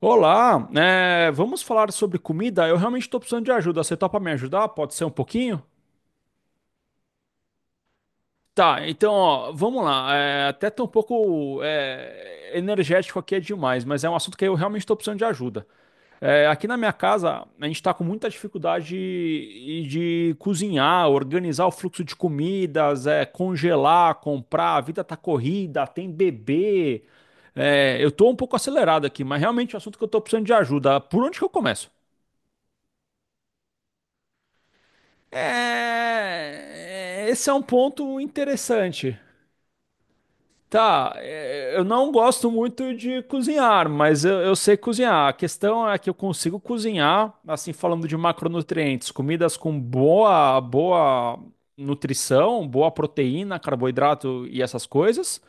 Olá, vamos falar sobre comida? Eu realmente estou precisando de ajuda. Você topa me ajudar? Pode ser um pouquinho? Tá, então, ó, vamos lá. Até tô um pouco energético aqui é demais, mas é um assunto que eu realmente estou precisando de ajuda. É, aqui na minha casa, a gente está com muita dificuldade de cozinhar, organizar o fluxo de comidas, é, congelar, comprar. A vida tá corrida, tem bebê. É, eu tô um pouco acelerado aqui, mas realmente é um assunto que eu estou precisando de ajuda. Por onde que eu começo? Esse é um ponto interessante. Tá, é, eu não gosto muito de cozinhar, mas eu sei cozinhar. A questão é que eu consigo cozinhar, assim, falando de macronutrientes, comidas com boa nutrição, boa proteína, carboidrato e essas coisas,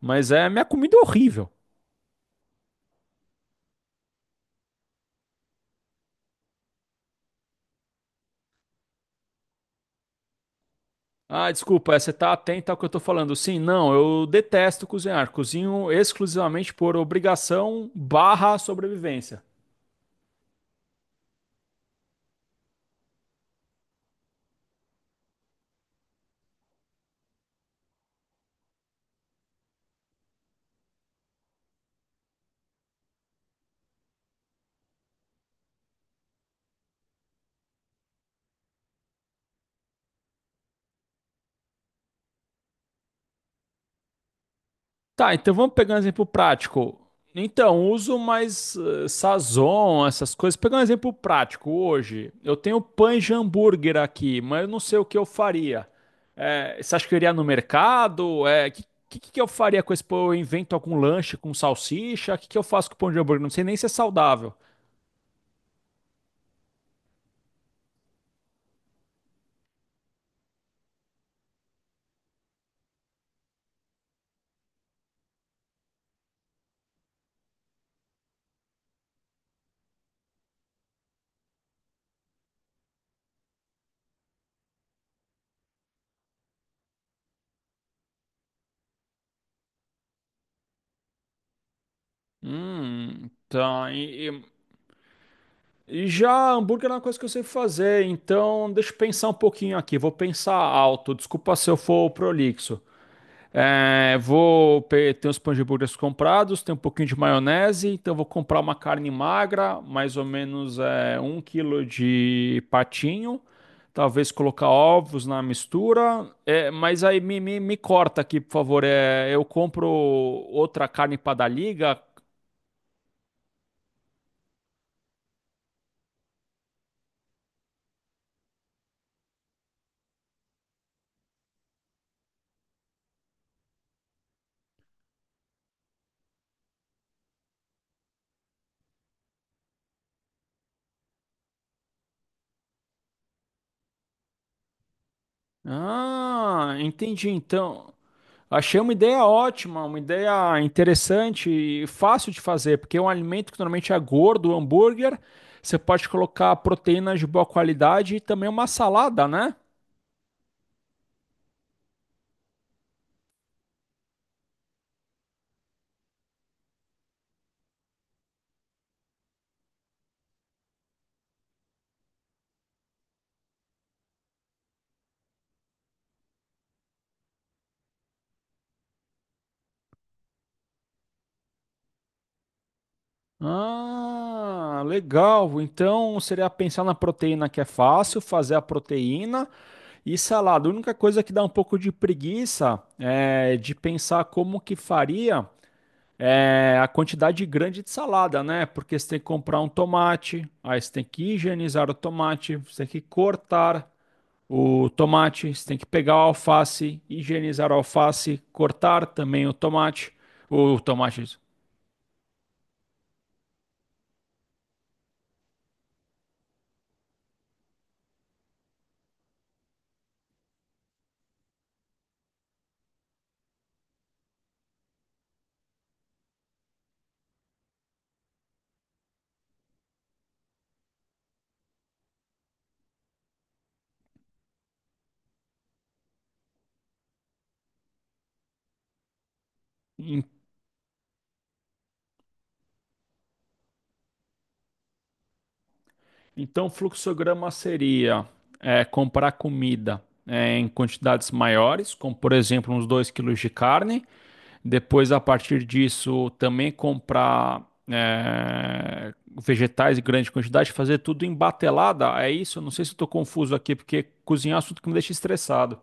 mas é minha comida é horrível. Ah, desculpa, é, você tá atento ao que eu tô falando. Sim, não, eu detesto cozinhar. Cozinho exclusivamente por obrigação barra sobrevivência. Tá, então vamos pegar um exemplo prático. Então, uso mais Sazon, essas coisas. Pegar um exemplo prático hoje. Eu tenho pães de hambúrguer aqui, mas eu não sei o que eu faria. Você acha que eu iria no mercado? Que eu faria com esse pão? Eu invento algum lanche com salsicha? Que eu faço com o pão de hambúrguer? Não sei nem se é saudável. Tá. Já hambúrguer é uma coisa que eu sei fazer, então deixa eu pensar um pouquinho aqui. Vou pensar alto. Desculpa se eu for prolixo. É, ter os pães de burgers comprados, tem um pouquinho de maionese, então vou comprar uma carne magra, mais ou menos é, 1 kg de patinho, talvez colocar ovos na mistura, é, mas aí me corta aqui, por favor. É, eu compro outra carne para dar liga. Ah, entendi então. Achei uma ideia ótima, uma ideia interessante e fácil de fazer, porque é um alimento que normalmente é gordo, hambúrguer. Você pode colocar proteínas de boa qualidade e também uma salada, né? Ah, legal. Então seria pensar na proteína que é fácil, fazer a proteína e salada. A única coisa que dá um pouco de preguiça é de pensar como que faria. É, a quantidade grande de salada, né? Porque você tem que comprar um tomate, aí você tem que higienizar o tomate, você tem que cortar o tomate, você tem que pegar o alface, higienizar o alface, cortar também o tomate. Em- Então, o fluxograma seria é, comprar comida é, em quantidades maiores, como por exemplo uns 2 kg de carne. Depois, a partir disso, também comprar é, vegetais em grande quantidade, fazer tudo em batelada. É isso? Eu não sei se estou confuso aqui, porque cozinhar é um assunto que me deixa estressado.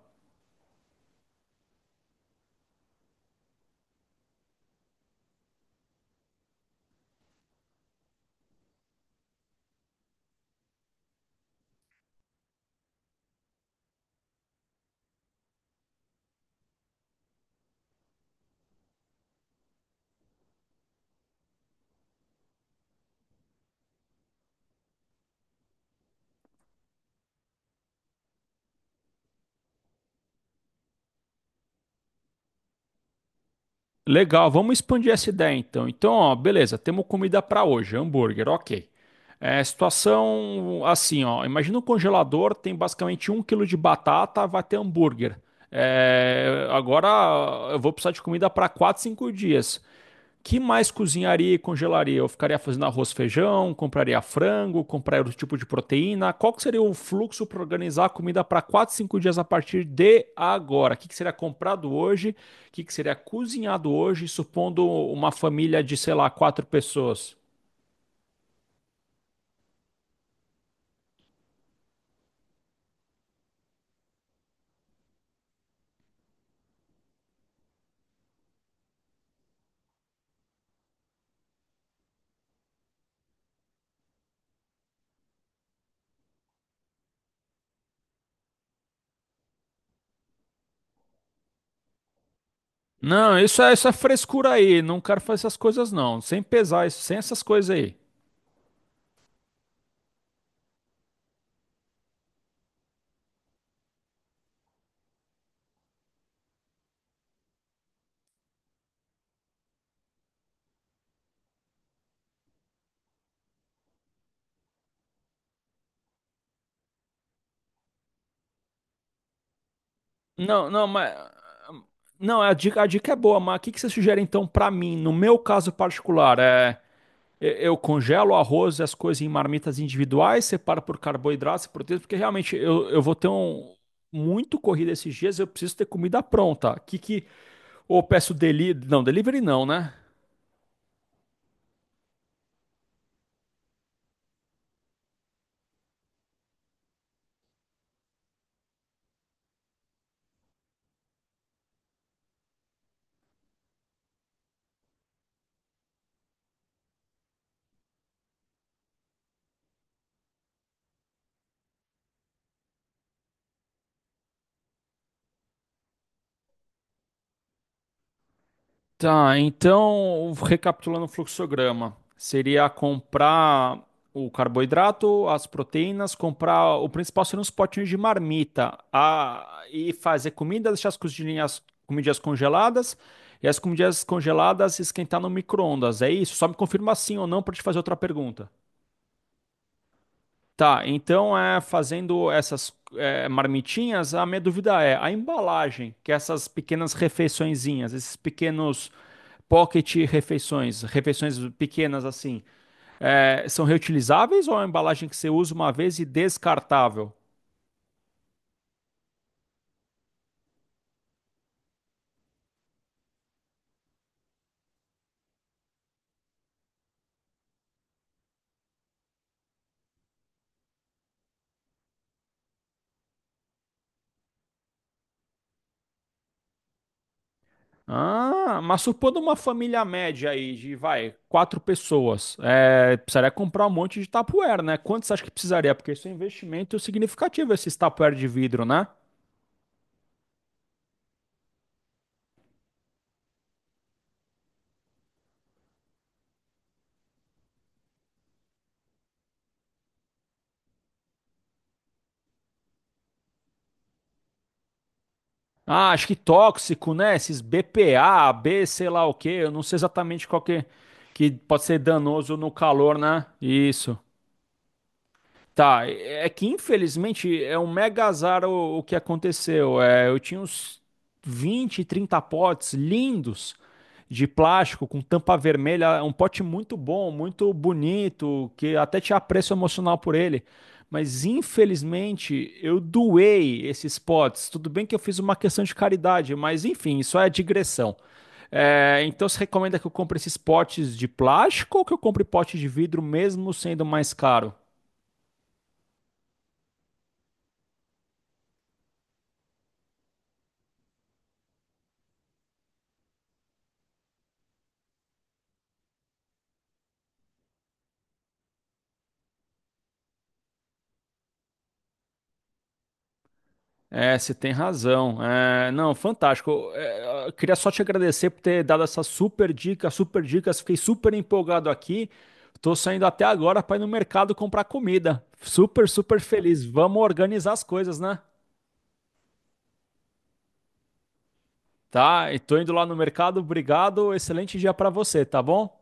Legal, vamos expandir essa ideia então. Então, ó, beleza, temos comida para hoje, hambúrguer, ok. É, situação assim, ó. Imagina um congelador, tem basicamente 1 kg de batata, vai ter hambúrguer. É, agora eu vou precisar de comida para 4, 5 dias. Que mais cozinharia e congelaria? Eu ficaria fazendo arroz, feijão, compraria frango, compraria outro tipo de proteína. Qual que seria o fluxo para organizar a comida para 4 5 dias a partir de agora? O que que seria comprado hoje? O que que seria cozinhado hoje, supondo uma família de, sei lá, quatro pessoas? Não, isso é frescura aí. Não quero fazer essas coisas, não. Sem pesar isso, sem essas coisas aí. Não, não, mas. Não, a dica é boa, mas o que que você sugere então para mim, no meu caso particular? É. Eu congelo o arroz e as coisas em marmitas individuais, separo por carboidrato e proteína, porque realmente eu vou ter um muito corrida esses dias, eu preciso ter comida pronta. Que ou eu peço delivery não, né? Tá, então, recapitulando o fluxograma, seria comprar o carboidrato, as proteínas, comprar o principal seriam os potinhos de marmita, a, e fazer comida, deixar as cozinhas, comidas congeladas, e as comidas congeladas esquentar no micro-ondas. É isso? Só me confirma sim ou não para te fazer outra pergunta. Tá, então é fazendo essas é, marmitinhas, a minha dúvida é a embalagem, que é essas pequenas refeiçõezinhas, esses pequenos pocket refeições, refeições pequenas assim, é, são reutilizáveis ou é uma embalagem que você usa uma vez e descartável? Ah, mas supondo uma família média aí de, vai, quatro pessoas, é, precisaria comprar um monte de Tupperware, né? Quantos acha que precisaria? Porque isso é um investimento significativo, esses Tupperware de vidro, né? Ah, acho que tóxico, né? Esses BPA, B, sei lá o quê. Eu não sei exatamente qual que pode ser danoso no calor, né? Isso. Tá, é que infelizmente é um mega azar o que aconteceu. É, eu tinha uns 20, 30 potes lindos de plástico com tampa vermelha, um pote muito bom, muito bonito, que até tinha apreço emocional por ele. Mas infelizmente eu doei esses potes. Tudo bem que eu fiz uma questão de caridade, mas enfim, isso é digressão. É, então você recomenda que eu compre esses potes de plástico ou que eu compre pote de vidro mesmo sendo mais caro? É, você tem razão. É, não, fantástico. É, eu queria só te agradecer por ter dado essa super dica, super dicas. Fiquei super empolgado aqui. Tô saindo até agora para ir no mercado comprar comida. Super, super feliz. Vamos organizar as coisas, né? Tá? E tô indo lá no mercado. Obrigado. Excelente dia para você, tá bom?